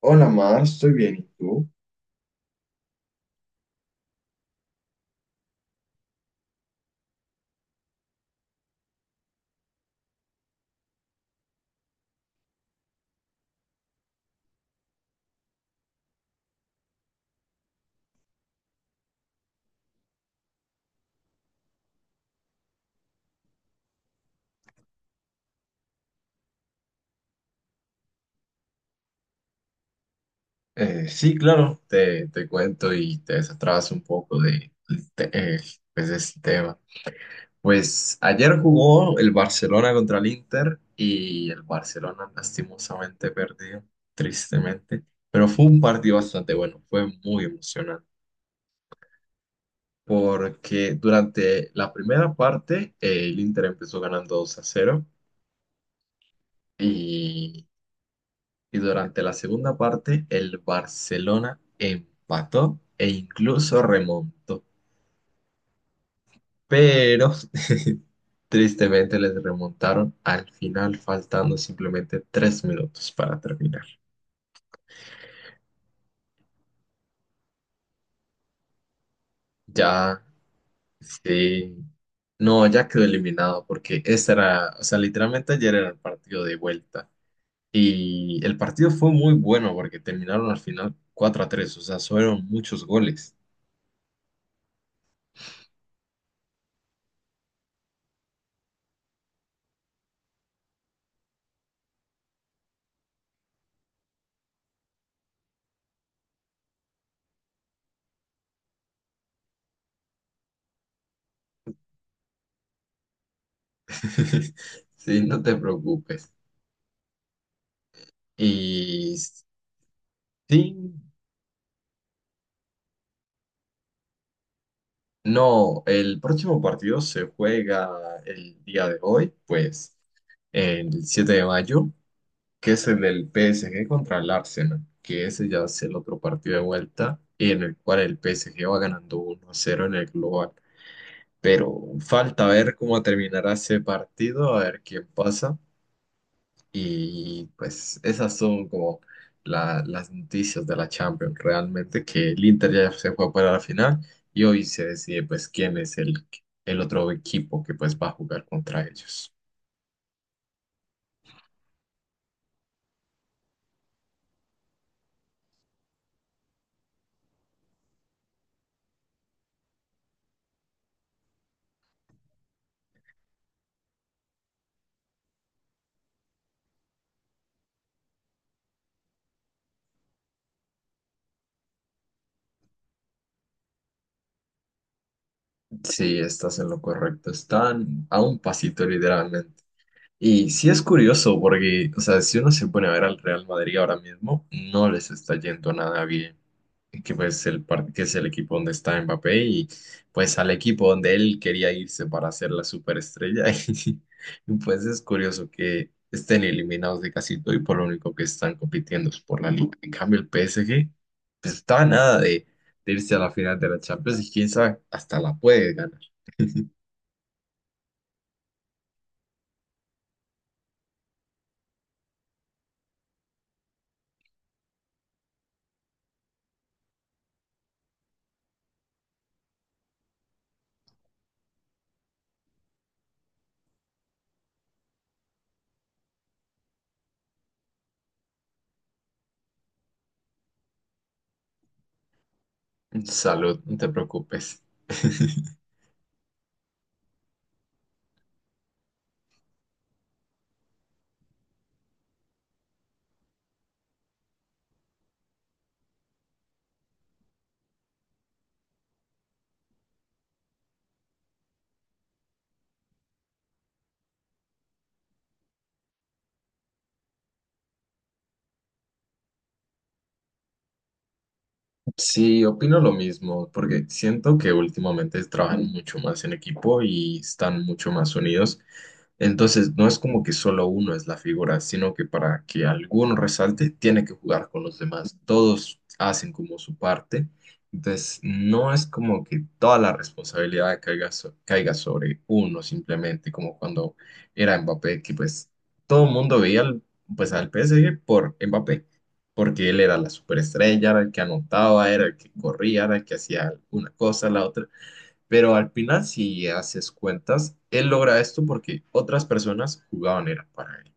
Hola, Mar, estoy bien. ¿Y tú? Sí, claro, te cuento y te desatrás un poco de de este tema. Pues ayer jugó el Barcelona contra el Inter y el Barcelona lastimosamente perdió, tristemente. Pero fue un partido bastante bueno, fue muy emocionante. Porque durante la primera parte el Inter empezó ganando 2 a cero y y durante la segunda parte el Barcelona empató e incluso remontó. Pero tristemente les remontaron al final, faltando simplemente tres minutos para terminar. Ya, sí, no, ya quedó eliminado porque ese era, o sea, literalmente ayer era el partido de vuelta. Y el partido fue muy bueno porque terminaron al final 4 a tres, o sea, fueron muchos goles. Sí, no te preocupes. Y sí, no, el próximo partido se juega el día de hoy, pues el 7 de mayo, que es el del PSG contra el Arsenal, que ese ya es el otro partido de vuelta y en el cual el PSG va ganando uno a cero en el global. Pero falta ver cómo terminará ese partido, a ver quién pasa. Y pues esas son como las noticias de la Champions. Realmente que el Inter ya se fue para la final y hoy se decide pues quién es el otro equipo que pues va a jugar contra ellos. Sí, estás en lo correcto. Están a un pasito literalmente. Y sí es curioso porque, o sea, si uno se pone a ver al Real Madrid ahora mismo, no les está yendo nada bien. Que, pues que es el equipo donde está Mbappé y pues al equipo donde él quería irse para ser la superestrella. Y pues es curioso que estén eliminados de casi todo y por lo único que están compitiendo es por la liga. En cambio el PSG, pues, está a nada de irse a la final de la Champions y quién sabe, hasta la puede ganar. Salud, no te preocupes. Sí, opino lo mismo, porque siento que últimamente trabajan mucho más en equipo y están mucho más unidos. Entonces, no es como que solo uno es la figura, sino que para que alguno resalte, tiene que jugar con los demás. Todos hacen como su parte. Entonces, no es como que toda la responsabilidad caiga, caiga sobre uno simplemente, como cuando era Mbappé, que pues todo el mundo veía pues, al PSG por Mbappé porque él era la superestrella, era el que anotaba, era el que corría, era el que hacía una cosa, la otra. Pero al final, si haces cuentas, él logra esto porque otras personas jugaban era para él.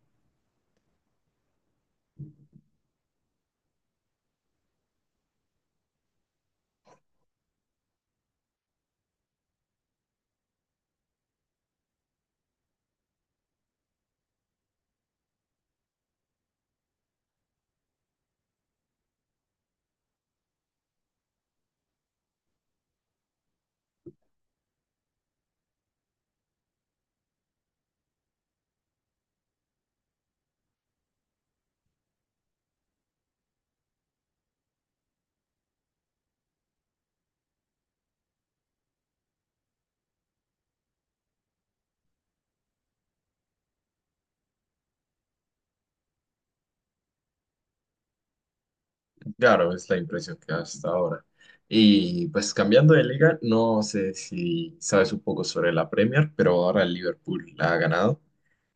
Claro, es la impresión que da hasta ahora. Y pues cambiando de liga, no sé si sabes un poco sobre la Premier, pero ahora el Liverpool la ha ganado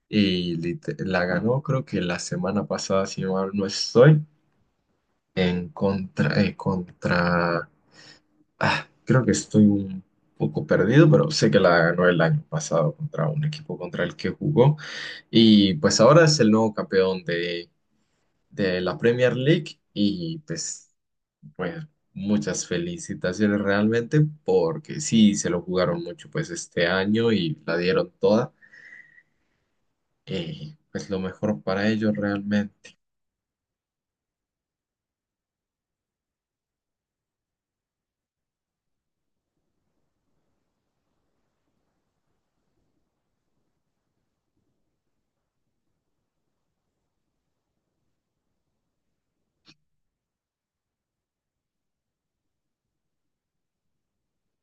y la ganó creo que la semana pasada, si mal no estoy, en contra, contra... creo que estoy un poco perdido, pero sé que la ganó el año pasado contra un equipo contra el que jugó. Y pues ahora es el nuevo campeón de la Premier League. Y pues, bueno, muchas felicitaciones realmente, porque sí, se lo jugaron mucho pues este año y la dieron toda. Y pues lo mejor para ellos realmente.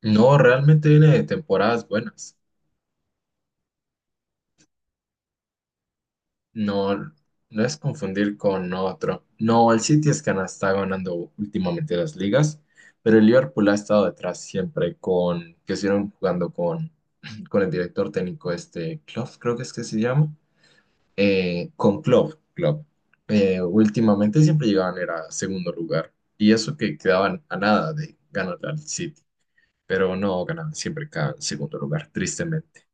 No, realmente viene de temporadas buenas. No, no es confundir con otro. No, el City es que no está ganando últimamente las ligas, pero el Liverpool ha estado detrás siempre con, que estuvieron jugando con, con el director técnico este, Klopp, creo que es que se llama, con Klopp. Últimamente siempre llegaban era segundo lugar y eso que quedaban a nada de ganar al City, pero no ganaban, siempre quedaban en segundo lugar, tristemente.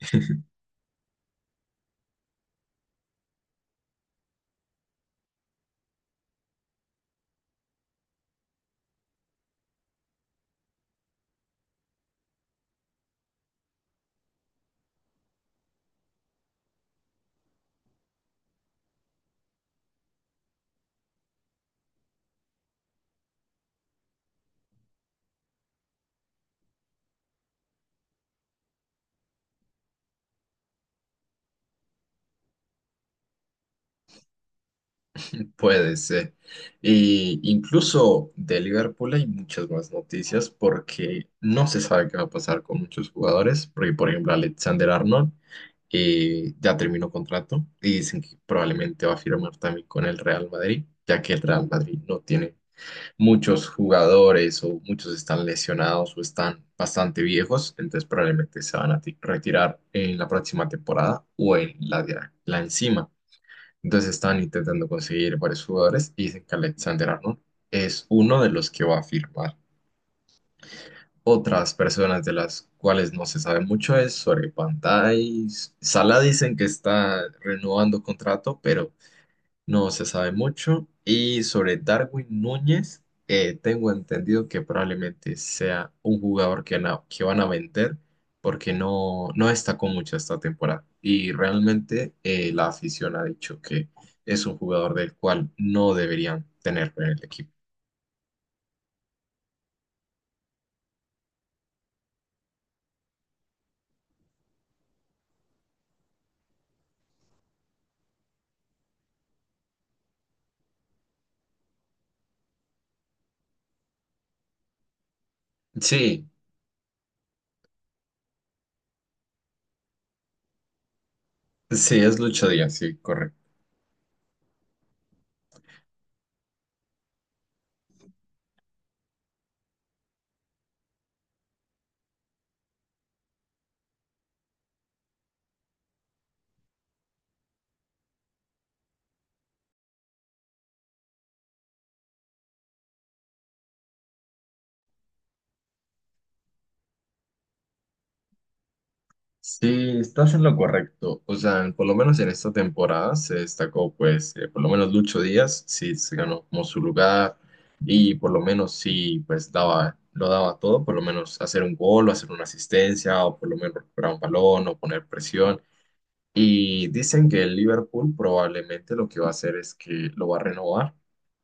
Puede ser. Y incluso de Liverpool hay muchas más noticias porque no se sabe qué va a pasar con muchos jugadores, porque por ejemplo Alexander Arnold ya terminó contrato y dicen que probablemente va a firmar también con el Real Madrid, ya que el Real Madrid no tiene muchos jugadores o muchos están lesionados o están bastante viejos, entonces probablemente se van a retirar en la próxima temporada o en la encima. Entonces estaban intentando conseguir varios jugadores y dicen que Alexander Arnold es uno de los que va a firmar. Otras personas de las cuales no se sabe mucho es sobre Pantais. Sala dicen que está renovando contrato, pero no se sabe mucho. Y sobre Darwin Núñez, tengo entendido que probablemente sea un jugador que, que van a vender porque no destacó mucho esta temporada. Y realmente la afición ha dicho que es un jugador del cual no deberían tener en el equipo. Sí, sí, es Lucho Díaz, sí, correcto. Sí, estás en lo correcto. O sea, por lo menos en esta temporada se destacó, pues, por lo menos Lucho Díaz, sí, se ganó como su lugar y por lo menos sí, pues, daba, lo daba todo, por lo menos hacer un gol o hacer una asistencia o por lo menos recuperar un balón o poner presión. Y dicen que el Liverpool probablemente lo que va a hacer es que lo va a renovar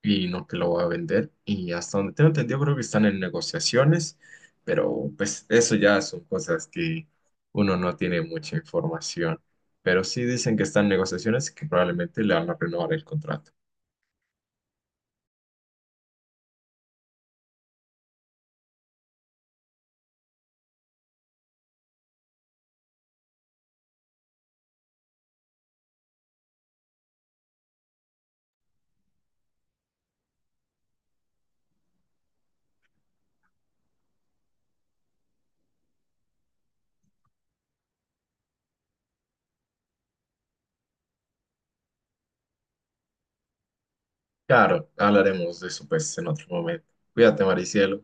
y no que lo va a vender. Y hasta donde tengo entendido, creo que están en negociaciones, pero pues eso ya son cosas que uno no tiene mucha información. Pero sí dicen que están en negociaciones y que probablemente le van a renovar el contrato. Claro, hablaremos de eso pues en otro momento. Cuídate, Maricielo.